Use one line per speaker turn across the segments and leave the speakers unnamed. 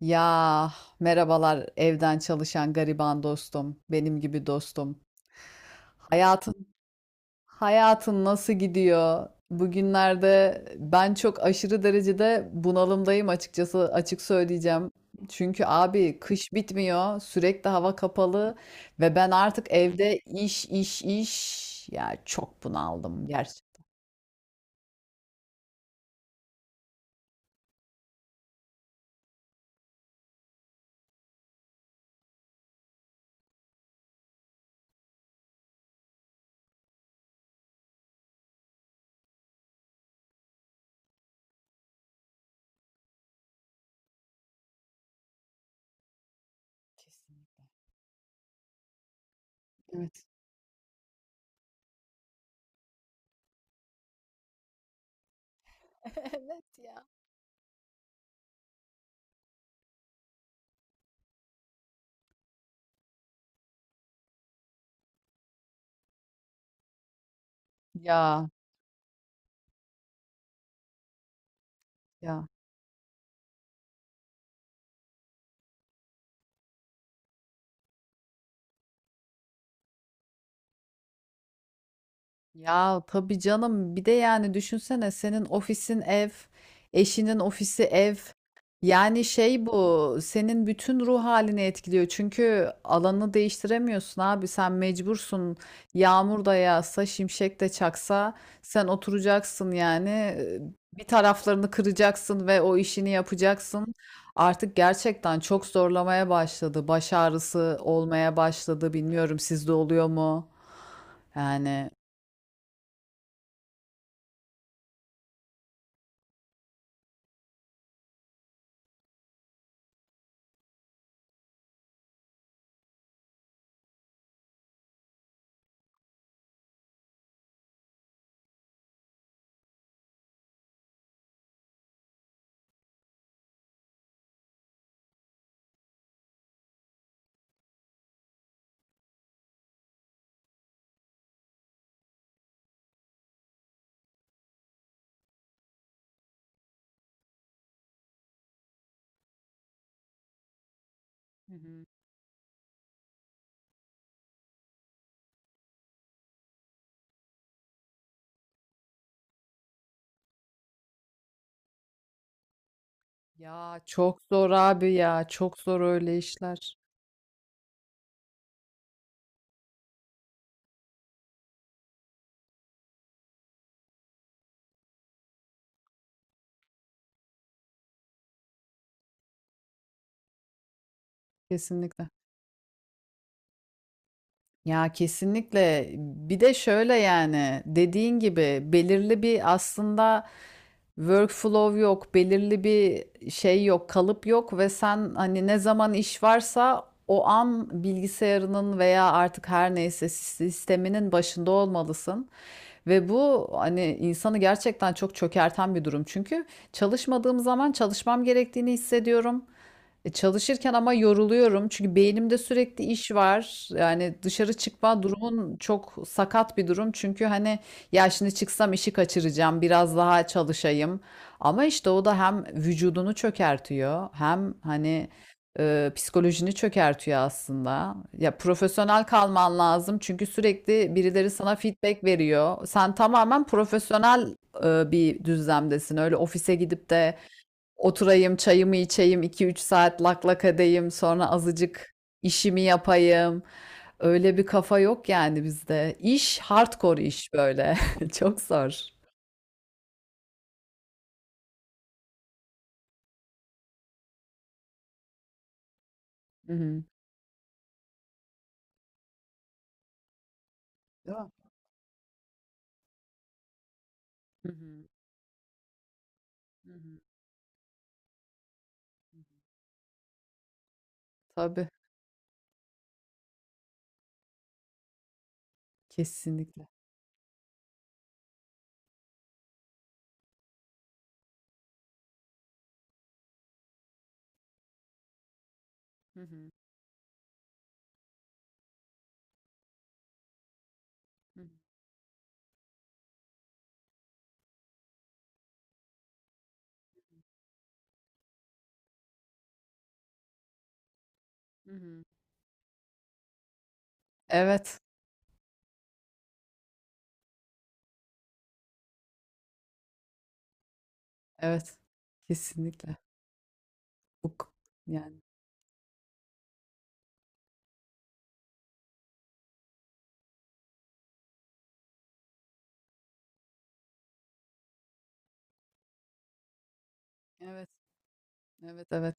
Ya merhabalar evden çalışan gariban dostum, benim gibi dostum. Hayatın hayatın nasıl gidiyor? Bugünlerde ben çok aşırı derecede bunalımdayım açıkçası açık söyleyeceğim. Çünkü abi kış bitmiyor, sürekli hava kapalı ve ben artık evde iş iş iş ya çok bunaldım gerçekten. Evet. Ya ya ya, tabii canım. Bir de yani düşünsene, senin ofisin ev, eşinin ofisi ev. Yani şey, bu senin bütün ruh halini etkiliyor. Çünkü alanı değiştiremiyorsun abi, sen mecbursun. Yağmur da yağsa, şimşek de çaksa sen oturacaksın yani. Bir taraflarını kıracaksın ve o işini yapacaksın. Artık gerçekten çok zorlamaya başladı. Baş ağrısı olmaya başladı. Bilmiyorum sizde oluyor mu? Yani hı hı. Ya çok zor abi ya. Çok zor öyle işler. Kesinlikle. Ya kesinlikle, bir de şöyle yani dediğin gibi belirli bir aslında workflow yok, belirli bir şey yok, kalıp yok ve sen hani ne zaman iş varsa o an bilgisayarının veya artık her neyse sisteminin başında olmalısın. Ve bu hani insanı gerçekten çok çökerten bir durum. Çünkü çalışmadığım zaman çalışmam gerektiğini hissediyorum. Çalışırken ama yoruluyorum çünkü beynimde sürekli iş var. Yani dışarı çıkma durumun çok sakat bir durum. Çünkü hani ya şimdi çıksam işi kaçıracağım, biraz daha çalışayım. Ama işte o da hem vücudunu çökertiyor, hem hani psikolojini çökertiyor aslında. Ya profesyonel kalman lazım çünkü sürekli birileri sana feedback veriyor. Sen tamamen profesyonel bir düzlemdesin. Öyle ofise gidip de oturayım, çayımı içeyim, iki üç saat lak lak edeyim, sonra azıcık işimi yapayım. Öyle bir kafa yok yani bizde. İş hardcore iş böyle. Çok zor. Hı hı. Değil mi? Hı hı, hı hı. Tabii, kesinlikle. Hı hı, hı hı, hı hı. Evet, evet, kesinlikle. Bu, k- yani evet, evet, evet.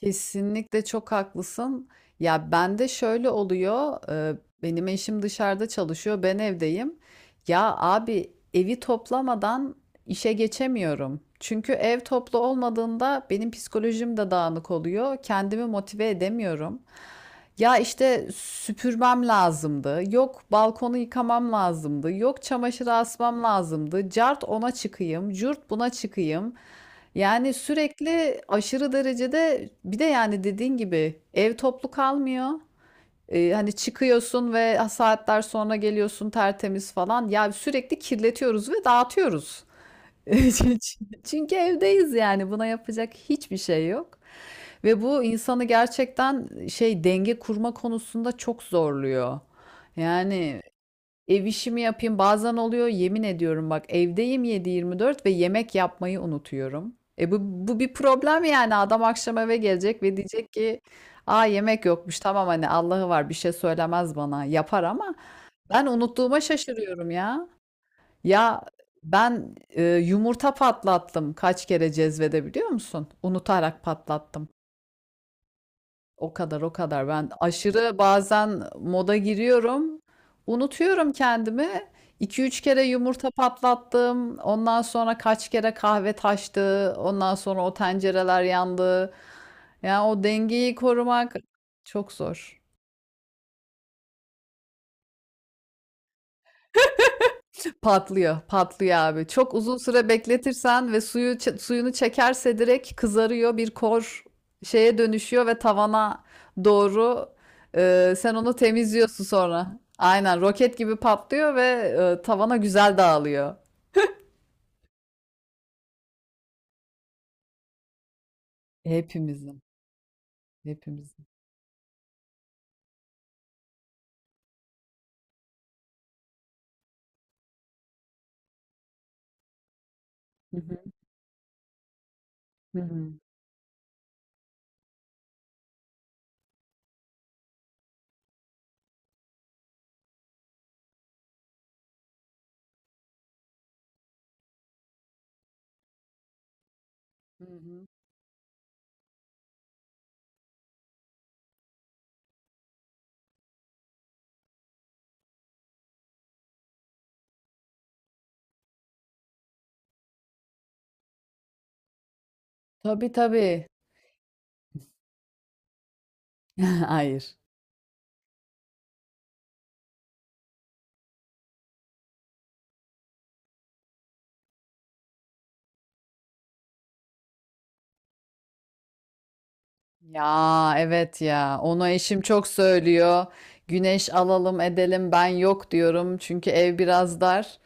Kesinlikle çok haklısın. Ya bende şöyle oluyor. Benim eşim dışarıda çalışıyor, ben evdeyim. Ya abi evi toplamadan işe geçemiyorum. Çünkü ev toplu olmadığında benim psikolojim de dağınık oluyor. Kendimi motive edemiyorum. Ya işte süpürmem lazımdı. Yok balkonu yıkamam lazımdı. Yok çamaşırı asmam lazımdı. Cart ona çıkayım, curt buna çıkayım. Yani sürekli aşırı derecede, bir de yani dediğin gibi ev toplu kalmıyor. Hani çıkıyorsun ve saatler sonra geliyorsun tertemiz falan. Ya sürekli kirletiyoruz ve dağıtıyoruz. Çünkü evdeyiz yani, buna yapacak hiçbir şey yok. Ve bu insanı gerçekten şey, denge kurma konusunda çok zorluyor. Yani ev işimi yapayım bazen oluyor, yemin ediyorum bak, evdeyim 7-24 ve yemek yapmayı unutuyorum. E bu bir problem yani. Adam akşam eve gelecek ve diyecek ki aa yemek yokmuş, tamam hani Allah'ı var bir şey söylemez, bana yapar ama ben unuttuğuma şaşırıyorum ya. Ya ben yumurta patlattım kaç kere cezvede, biliyor musun? Unutarak patlattım. O kadar o kadar. Ben aşırı bazen moda giriyorum. Unutuyorum kendimi. iki üç kere yumurta patlattım. Ondan sonra kaç kere kahve taştı. Ondan sonra o tencereler yandı. Yani o dengeyi korumak çok zor. Patlıyor, patlıyor abi. Çok uzun süre bekletirsen ve suyunu çekerse direkt kızarıyor, bir kor şeye dönüşüyor ve tavana doğru, sen onu temizliyorsun sonra. Aynen roket gibi patlıyor ve tavana güzel dağılıyor. Hepimizin, hepimizin. Hı hı. Hı hı. Hı hı. Tabii tabii. Hayır. Ya evet ya, onu eşim çok söylüyor. Güneş alalım edelim, ben yok diyorum çünkü ev biraz dar.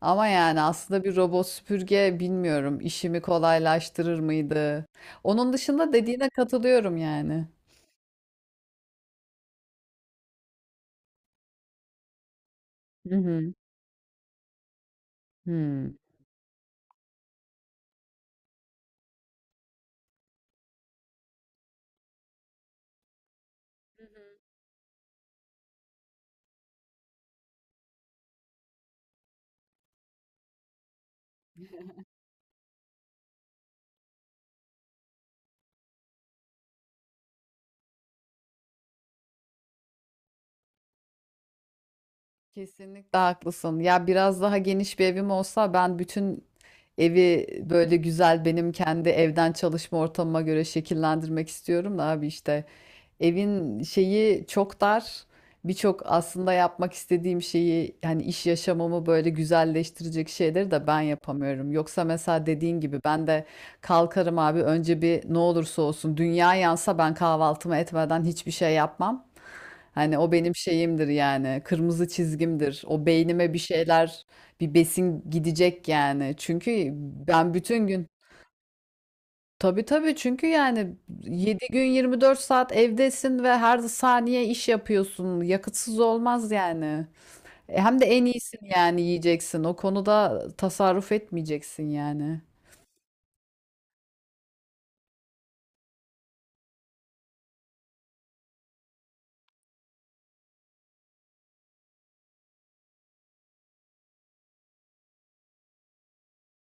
Ama yani aslında bir robot süpürge bilmiyorum işimi kolaylaştırır mıydı? Onun dışında dediğine katılıyorum yani. Hı hı. Hmm. Kesinlikle haklısın. Ya biraz daha geniş bir evim olsa ben bütün evi böyle güzel, benim kendi evden çalışma ortamıma göre şekillendirmek istiyorum da abi işte. Evin şeyi çok dar. Birçok aslında yapmak istediğim şeyi, hani iş yaşamımı böyle güzelleştirecek şeyleri de ben yapamıyorum. Yoksa mesela dediğin gibi ben de kalkarım abi, önce bir ne olursa olsun dünya yansa ben kahvaltımı etmeden hiçbir şey yapmam. Hani o benim şeyimdir yani, kırmızı çizgimdir. O beynime bir şeyler, bir besin gidecek yani. Çünkü ben bütün gün, tabii tabii çünkü yani 7 gün 24 saat evdesin ve her saniye iş yapıyorsun. Yakıtsız olmaz yani. Hem de en iyisin yani yiyeceksin. O konuda tasarruf etmeyeceksin yani.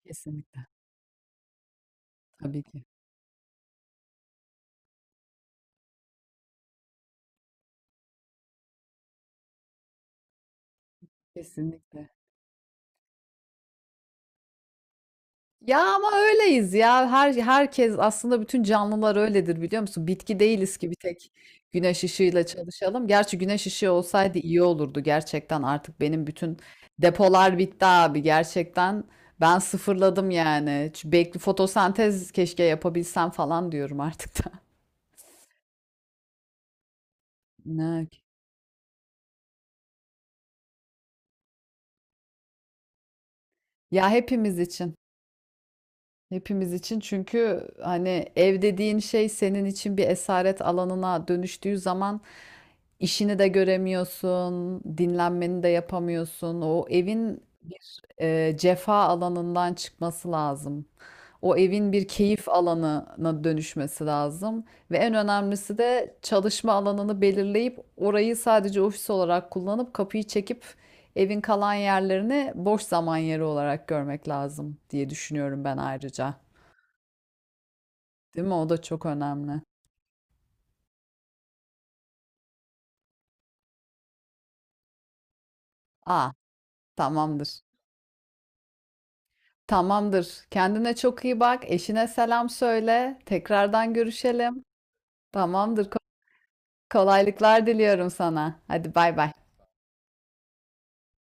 Kesinlikle. Tabii ki. Kesinlikle. Ya ama öyleyiz ya. Herkes aslında, bütün canlılar öyledir, biliyor musun? Bitki değiliz ki bir tek güneş ışığıyla çalışalım. Gerçi güneş ışığı olsaydı iyi olurdu gerçekten. Artık benim bütün depolar bitti abi gerçekten. Ben sıfırladım yani. Şu Bekli fotosentez keşke yapabilsem falan diyorum artık da. Ne? Ya hepimiz için. Hepimiz için. Çünkü hani ev dediğin şey senin için bir esaret alanına dönüştüğü zaman işini de göremiyorsun, dinlenmeni de yapamıyorsun. O evin cefa alanından çıkması lazım. O evin bir keyif alanına dönüşmesi lazım ve en önemlisi de çalışma alanını belirleyip orayı sadece ofis olarak kullanıp kapıyı çekip evin kalan yerlerini boş zaman yeri olarak görmek lazım diye düşünüyorum ben ayrıca. Değil mi? O da çok önemli. Aa, tamamdır. Tamamdır. Kendine çok iyi bak. Eşine selam söyle. Tekrardan görüşelim. Tamamdır. Ko- Kolaylıklar diliyorum sana. Hadi bay bay.